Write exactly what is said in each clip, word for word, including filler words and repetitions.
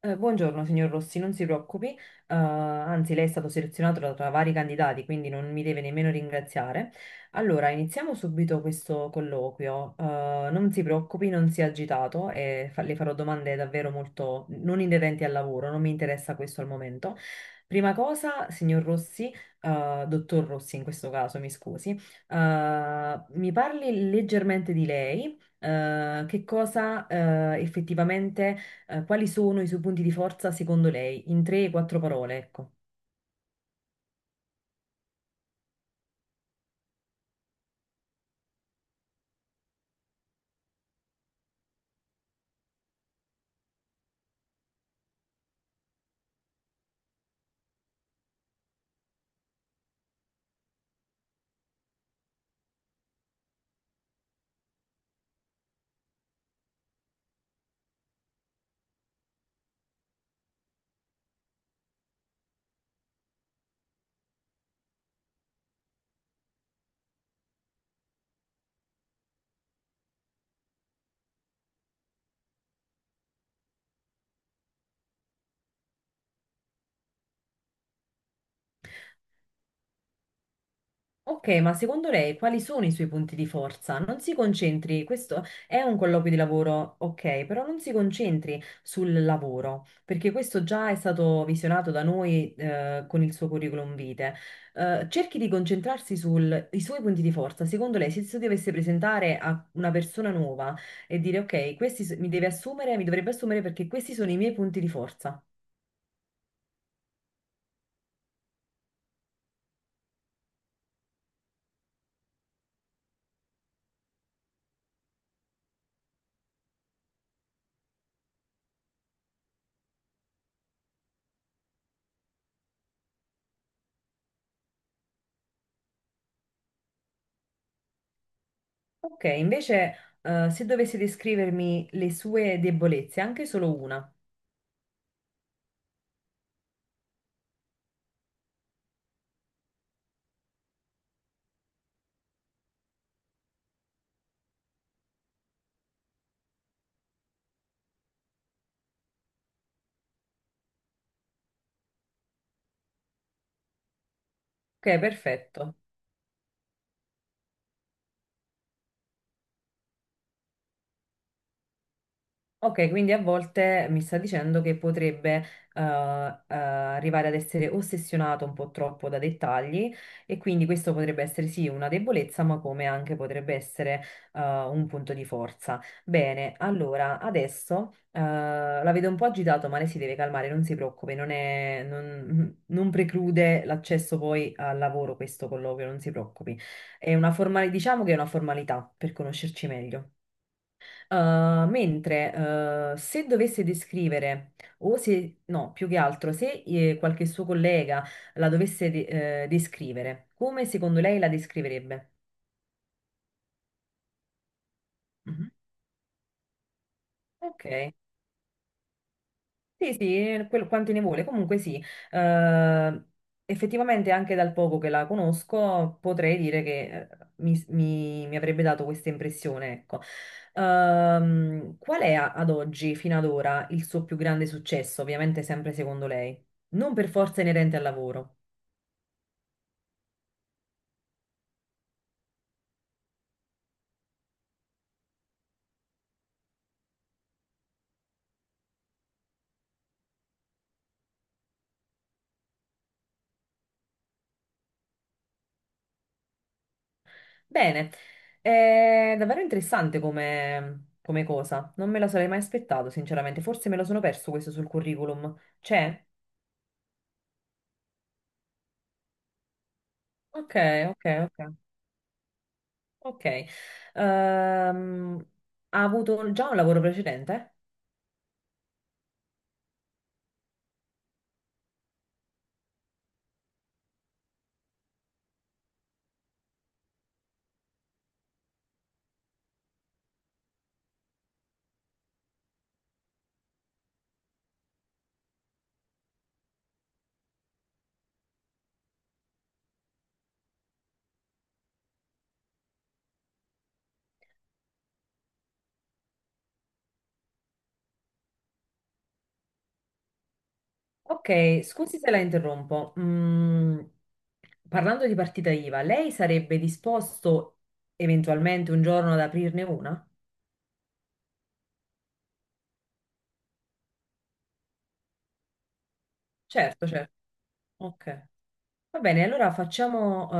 Eh, Buongiorno signor Rossi, non si preoccupi, eh, anzi lei è stato selezionato da- tra vari candidati, quindi non mi deve nemmeno ringraziare. Allora, iniziamo subito questo colloquio. Eh, non si preoccupi, non sia agitato e fa- le farò domande davvero molto non inerenti al lavoro, non mi interessa questo al momento. Prima cosa, signor Rossi, eh, dottor Rossi in questo caso, mi scusi, eh, mi parli leggermente di lei, eh, che cosa, eh, effettivamente eh, quali sono i suoi punti di forza secondo lei? In tre, quattro parole, ecco. Ok, ma secondo lei quali sono i suoi punti di forza? Non si concentri, questo è un colloquio di lavoro, ok, però non si concentri sul lavoro, perché questo già è stato visionato da noi eh, con il suo curriculum vitae. Eh, cerchi di concentrarsi sui suoi punti di forza. Secondo lei, se si dovesse presentare a una persona nuova e dire ok, questi s- mi deve assumere, mi dovrebbe assumere perché questi sono i miei punti di forza. Ok, invece, eh, se dovessi descrivermi le sue debolezze, anche solo una. Ok, perfetto. Ok, quindi a volte mi sta dicendo che potrebbe eh, eh, arrivare ad essere ossessionato un po' troppo da dettagli e quindi questo potrebbe essere sì una debolezza, ma come anche potrebbe essere eh, un punto di forza. Bene, allora adesso eh, la vedo un po' agitato, ma lei si deve calmare, non si preoccupi, non è- non non preclude l'accesso poi al lavoro questo colloquio, non si preoccupi. È una formalità, diciamo che è una formalità per conoscerci meglio. Uh, mentre uh, se dovesse descrivere, o se no, più che altro, se eh, qualche suo collega la dovesse de- eh, descrivere, come secondo lei la descriverebbe? Mhm. Ok, sì, sì, quello- quanti ne vuole. Comunque sì, eh, effettivamente anche dal poco che la conosco potrei dire che eh, mi, mi- mi avrebbe dato questa impressione, ecco. Ehm, qual è a- ad oggi, fino ad ora, il suo più grande successo? Ovviamente sempre secondo lei, non per forza inerente al lavoro. Bene, è davvero interessante come, come cosa. Non me lo sarei mai aspettato, sinceramente. Forse me lo sono perso questo sul curriculum. C'è? Ok, ok, ok. Ok, Ehm, ha avuto già un lavoro precedente? Ok, scusi se la interrompo. Mm, parlando di partita I V A, lei sarebbe disposto eventualmente un giorno ad aprirne una? Certo, certo. Ok. Va bene, allora facciamo, eh,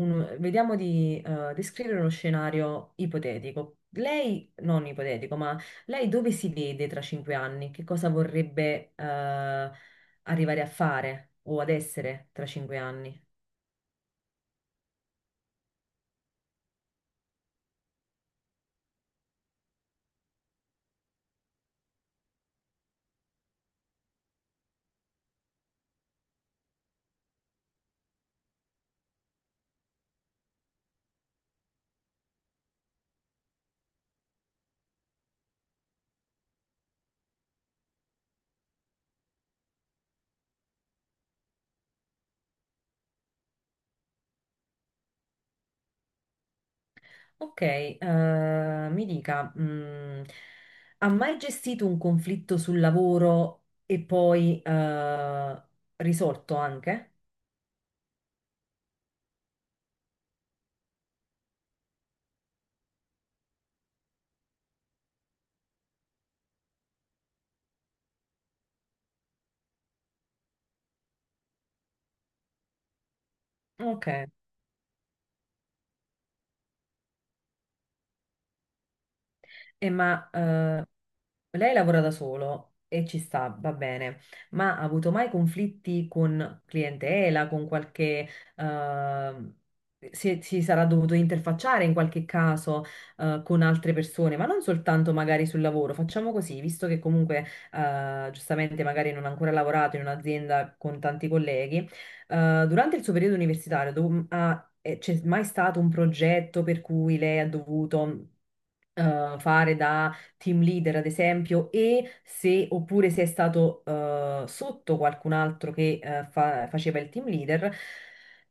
un- vediamo di eh, descrivere uno scenario ipotetico. Lei, non ipotetico, ma lei dove si vede tra cinque anni? Che cosa vorrebbe eh, arrivare a fare o ad essere tra cinque anni? Ok, eh, mi dica, mm, ha mai gestito un conflitto sul lavoro e poi eh, risolto anche? Ok, e ma eh, lei lavora da solo e ci sta, va bene, ma ha avuto mai conflitti con clientela, con qualche... ehm, si, si sarà dovuto interfacciare in qualche caso, eh, con altre persone, ma non soltanto magari sul lavoro. Facciamo così, visto che comunque, eh, giustamente magari non ha ancora lavorato in un'azienda con tanti colleghi, eh, durante il suo periodo universitario dov- ha- eh, c'è mai stato un progetto per cui lei ha dovuto eh, fare da team leader, ad esempio, e se oppure se è stato eh, sotto qualcun altro che eh, fa- faceva il team leader,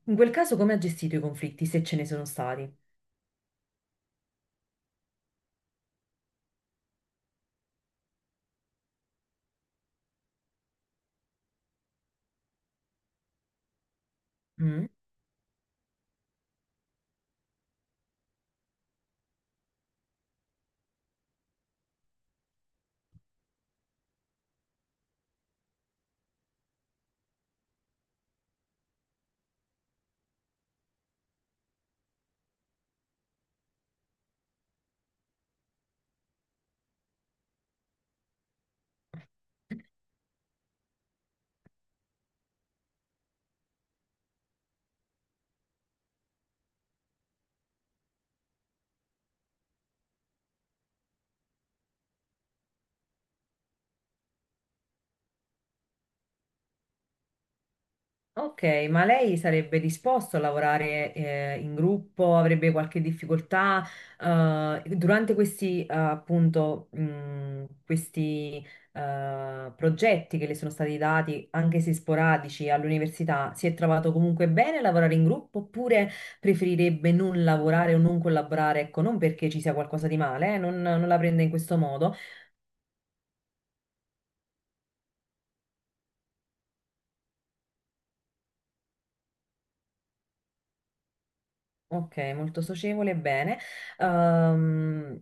in quel caso come ha gestito i conflitti, se ce ne sono stati? Mm. Ok, ma lei sarebbe disposto a lavorare eh, in gruppo? Avrebbe qualche difficoltà? Eh, durante questi, eh, appunto, mh, questi eh, progetti che le sono stati dati, anche se sporadici, all'università, si è trovato comunque bene a lavorare in gruppo oppure preferirebbe non lavorare o non collaborare? Ecco, non perché ci sia qualcosa di male, eh, non non la prende in questo modo. Ok, molto socievole, bene. Ehm,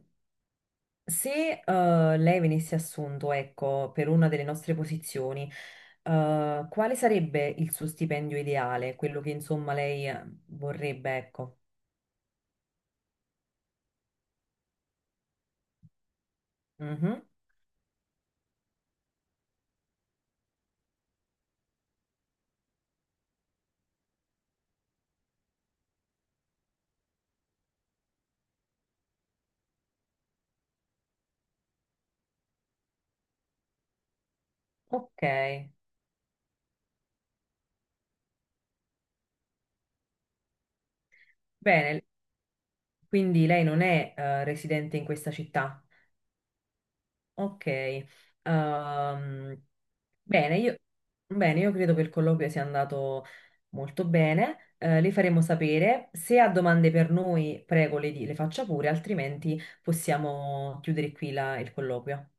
Se eh, lei venisse assunto, ecco, per una delle nostre posizioni, eh, quale sarebbe il suo stipendio ideale? Quello che insomma lei eh, vorrebbe, ecco. Mhm. Ok, bene. Quindi lei non è eh, residente in questa città. Ok. Ehm, Bene, io, bene, io credo che il colloquio sia andato molto bene. Eh, le faremo sapere. Se ha domande per noi, prego, le, di- le faccia pure, altrimenti possiamo chiudere qui la- il colloquio.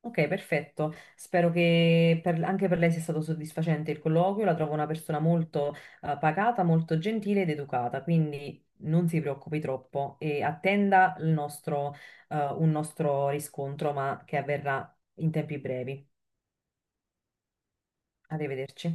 Ok, perfetto. Spero che per- anche per lei sia stato soddisfacente il colloquio. La trovo una persona molto, eh, pacata, molto gentile ed educata, quindi non si preoccupi troppo e attenda il nostro, eh, un nostro riscontro, ma che avverrà in tempi brevi. Arrivederci.